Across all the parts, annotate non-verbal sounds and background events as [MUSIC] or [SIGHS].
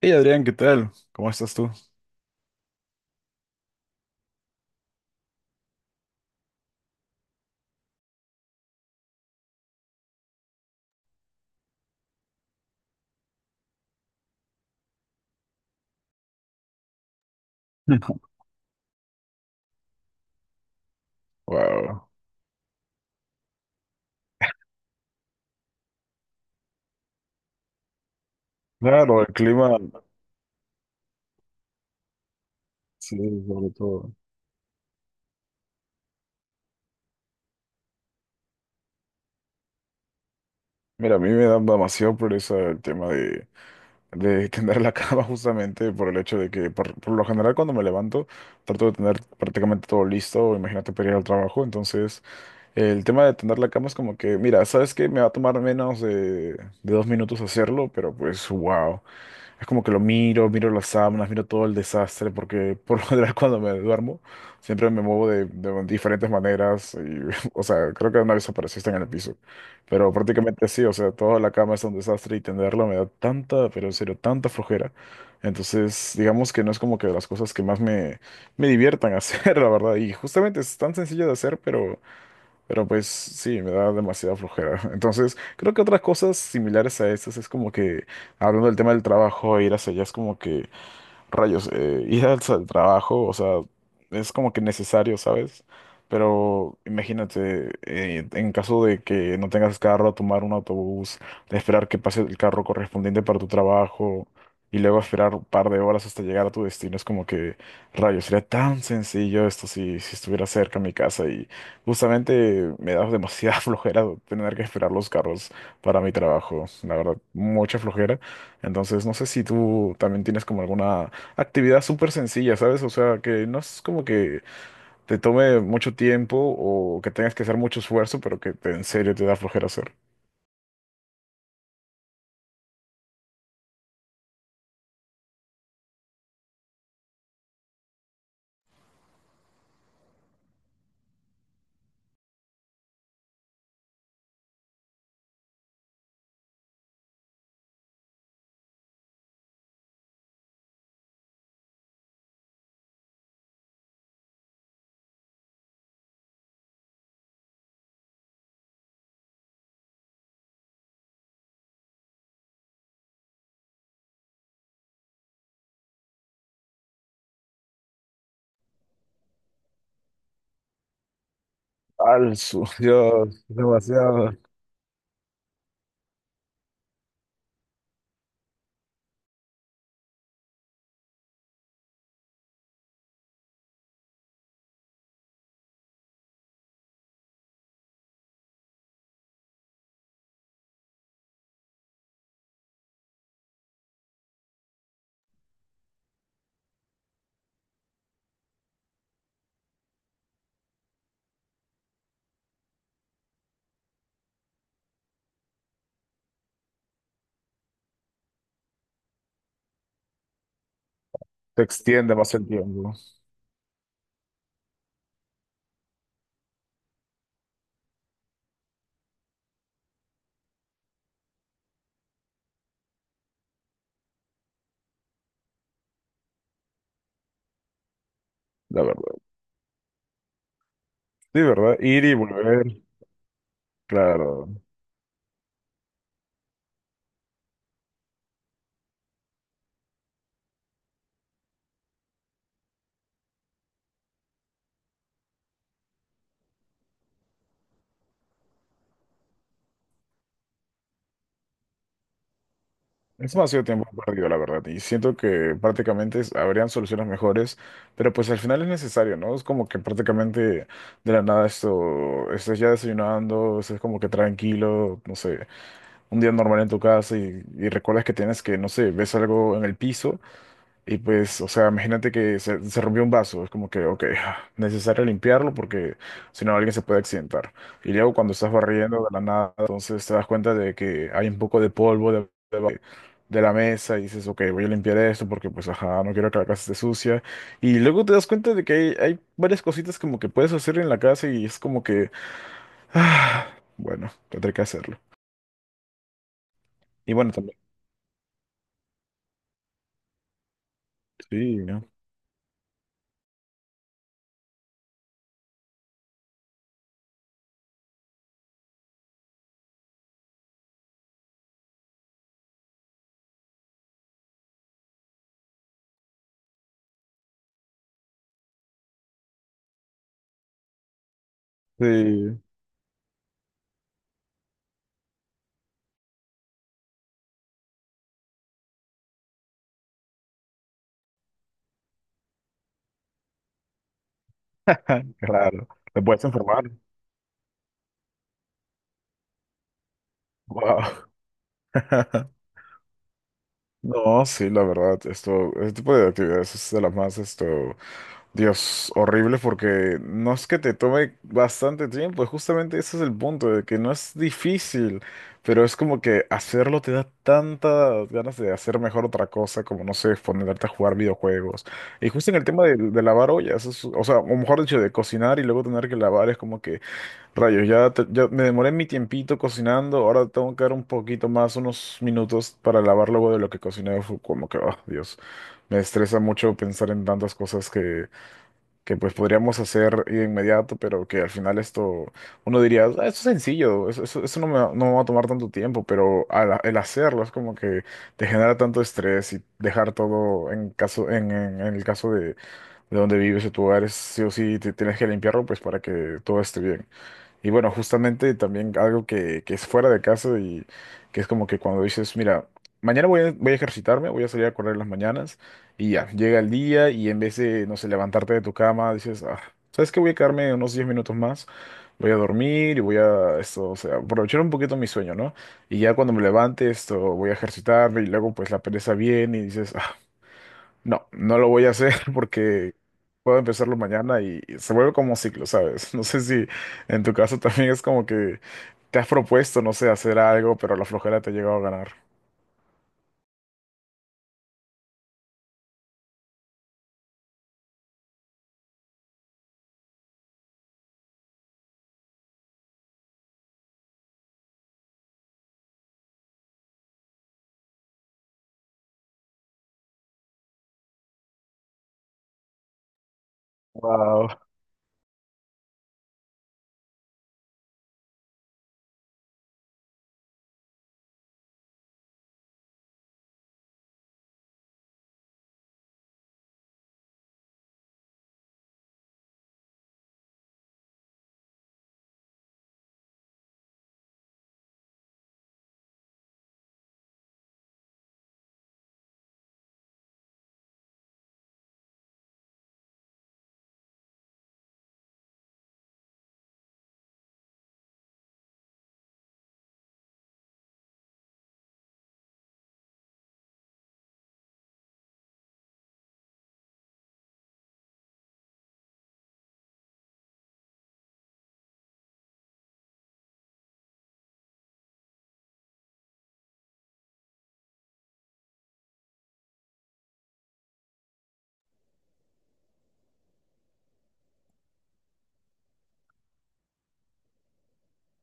Hey Adrián, ¿qué tal? ¿Cómo estás tú? [LAUGHS] Wow. Claro, el clima, sí, sobre todo. Mira, a mí me da demasiado pereza el tema de tender la cama [LAUGHS] justamente por el hecho de que por lo general cuando me levanto trato de tener prácticamente todo listo, imagínate para ir al trabajo. Entonces el tema de tender la cama es como que, mira, sabes que me va a tomar menos de 2 minutos hacerlo, pero pues wow. Es como que lo miro, miro las sábanas, miro todo el desastre, porque [LAUGHS] por lo general [LAUGHS] cuando me duermo siempre me muevo de diferentes maneras. [LAUGHS] O sea, creo que una vez apareciste en el piso. Pero prácticamente sí, o sea, toda la cama es un desastre y tenderla me da tanta, pero en serio, tanta flojera. Entonces, digamos que no es como que de las cosas que más me diviertan [LAUGHS] hacer, la verdad. Y justamente es tan sencillo de hacer, pero... pero pues sí, me da demasiada flojera. [LAUGHS] Entonces, creo que otras cosas similares a estas es como que, hablando del tema del trabajo, ir hacia allá es como que rayos, ir al trabajo, o sea, es como que necesario, ¿sabes? Pero imagínate, en caso de que no tengas carro, tomar un autobús, esperar que pase el carro correspondiente para tu trabajo y luego esperar un par de horas hasta llegar a tu destino, es como que rayos, sería tan sencillo esto si estuviera cerca a mi casa, y justamente me da demasiada [LAUGHS] flojera tener que esperar los carros para mi trabajo, la verdad, mucha flojera. Entonces, no sé si tú también tienes como alguna actividad súper sencilla, ¿sabes? O sea, que no es como que te tome mucho tiempo o que tengas que hacer mucho esfuerzo, pero en serio te da flojera hacer. [LAUGHS] Dios, demasiado. Te extiende más el tiempo, la verdad. Sí, ¿verdad? Ir y volver, claro. Es demasiado tiempo perdido, la verdad. Y siento que prácticamente habrían soluciones mejores, pero pues al final es necesario, ¿no? Es como que prácticamente de la nada esto, estás ya desayunando, estás como que tranquilo, no sé, un día normal en tu casa, y recuerdas que tienes que, no sé, ves algo en el piso y pues, o sea, imagínate se rompió un vaso, es como que ok, [LAUGHS] [SIGHS] necesario limpiarlo porque si no alguien se puede accidentar. Y luego cuando estás barriendo de la nada, entonces te das cuenta de que hay un poco de polvo de la mesa y dices, ok, voy a limpiar esto porque pues, ajá, no quiero que la casa esté sucia. Y luego te das cuenta de que hay varias cositas como que puedes hacer en la casa y es como que [SIGHS] ah, bueno, tendré que hacerlo. Y bueno, también, sí, ¿no? Sí, [LAUGHS] claro. Te puedes enfermar. Wow. [LAUGHS] No, sí, la verdad, esto, este tipo de actividades es de las más, esto, Dios, horrible porque no es que te tome bastante tiempo, justamente ese es el punto, de que no es difícil, pero es como que hacerlo te da tantas ganas de hacer mejor otra cosa, como no sé, ponerte a jugar videojuegos. Y justo en el tema de lavar ollas, o sea, o mejor dicho, de cocinar y luego tener que lavar, es como que rayos, ya, ya me demoré mi tiempito cocinando, ahora tengo que dar un poquito más, unos minutos para lavar luego de lo que cociné, fue como que, oh, Dios, me estresa mucho pensar en tantas cosas que pues podríamos hacer de inmediato, pero que al final esto, uno diría, "Ah, esto es sencillo, eso no me, va no me va a tomar tanto tiempo, pero el hacerlo es como que te genera tanto estrés, y dejar todo en caso, en el caso de donde vives, de tu hogar, es sí o sí, tienes que limpiarlo pues para que todo esté bien. Y bueno, justamente también algo que es fuera de casa y que es como que cuando dices, mira, mañana voy a ejercitarme, voy a salir a correr en las mañanas, y ya, llega el día y en vez de, no sé, levantarte de tu cama, dices, ah, ¿sabes qué? Voy a quedarme unos 10 minutos más, voy a dormir y voy a, esto, o sea, aprovechar un poquito mi sueño, ¿no? Y ya cuando me levante, esto, voy a ejercitarme, y luego pues la pereza viene y dices, ah, no, no lo voy a hacer [LAUGHS] porque puedo empezarlo mañana, y se vuelve como un ciclo, ¿sabes? [LAUGHS] No sé si en tu caso también es como que te has propuesto, no sé, hacer algo, pero la flojera te ha llegado a ganar. Wow.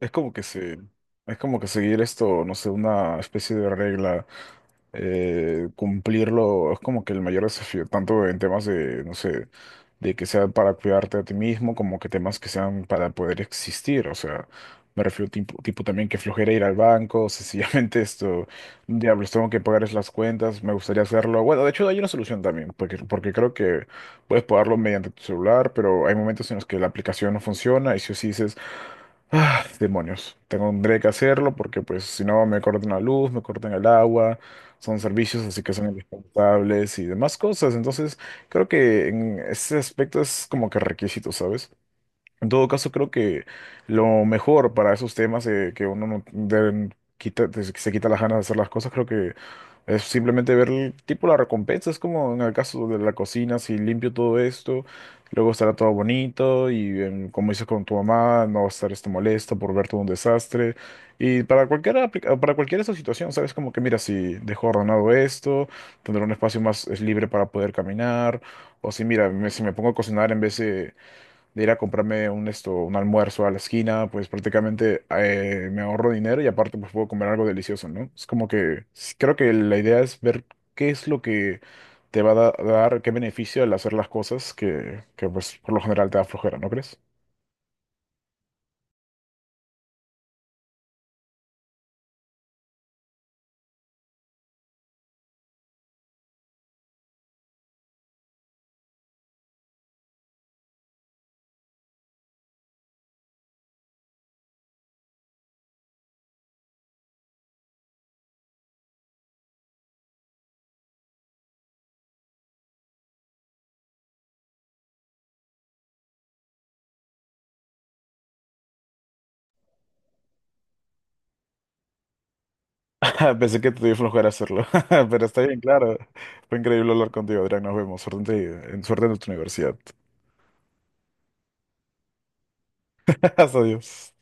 Es como que se, es como que seguir esto, no sé, una especie de regla, cumplirlo, es como que el mayor desafío, tanto en temas de, no sé, de que sea para cuidarte a ti mismo, como que temas que sean para poder existir, o sea, me refiero tipo, tipo también que flojera ir al banco, [LAUGHS] sencillamente esto, diablos, tengo que pagar es las cuentas, me gustaría hacerlo. Bueno, de hecho hay una solución también, porque, porque creo que puedes pagarlo mediante tu celular, pero hay momentos en los que la aplicación no funciona, y si os dices ah, demonios, tendré que hacerlo porque pues si no me cortan la luz, me cortan el agua, son servicios así que son indispensables y demás cosas. Entonces creo que en ese aspecto es como que requisito, ¿sabes? En todo caso creo que lo mejor para esos temas, que uno no, que se quita las ganas de hacer las cosas, creo que es simplemente ver el tipo la recompensa. Es como en el caso de la cocina, si limpio todo esto, luego estará todo bonito y em, como dices, con tu mamá no va a estar esto molesta por ver todo un desastre. Y para para cualquier esa situación, ¿sabes? Como que mira, si dejo ordenado esto, tendré un espacio más libre para poder caminar. O si mira, si me pongo a cocinar en vez de ir a comprarme un, esto, un almuerzo a la esquina, pues prácticamente me ahorro dinero y aparte pues puedo comer algo delicioso, ¿no? Es como que creo que la idea es ver qué es lo que te dar, qué beneficio al hacer las cosas que pues por lo general te da flojera, ¿no crees? [LAUGHS] Pensé que te dio flojera hacerlo, [LAUGHS] pero está bien, claro. Fue increíble hablar contigo, Adrián. Nos vemos. Suerte suerte en tu universidad. [LAUGHS] Hasta Dios.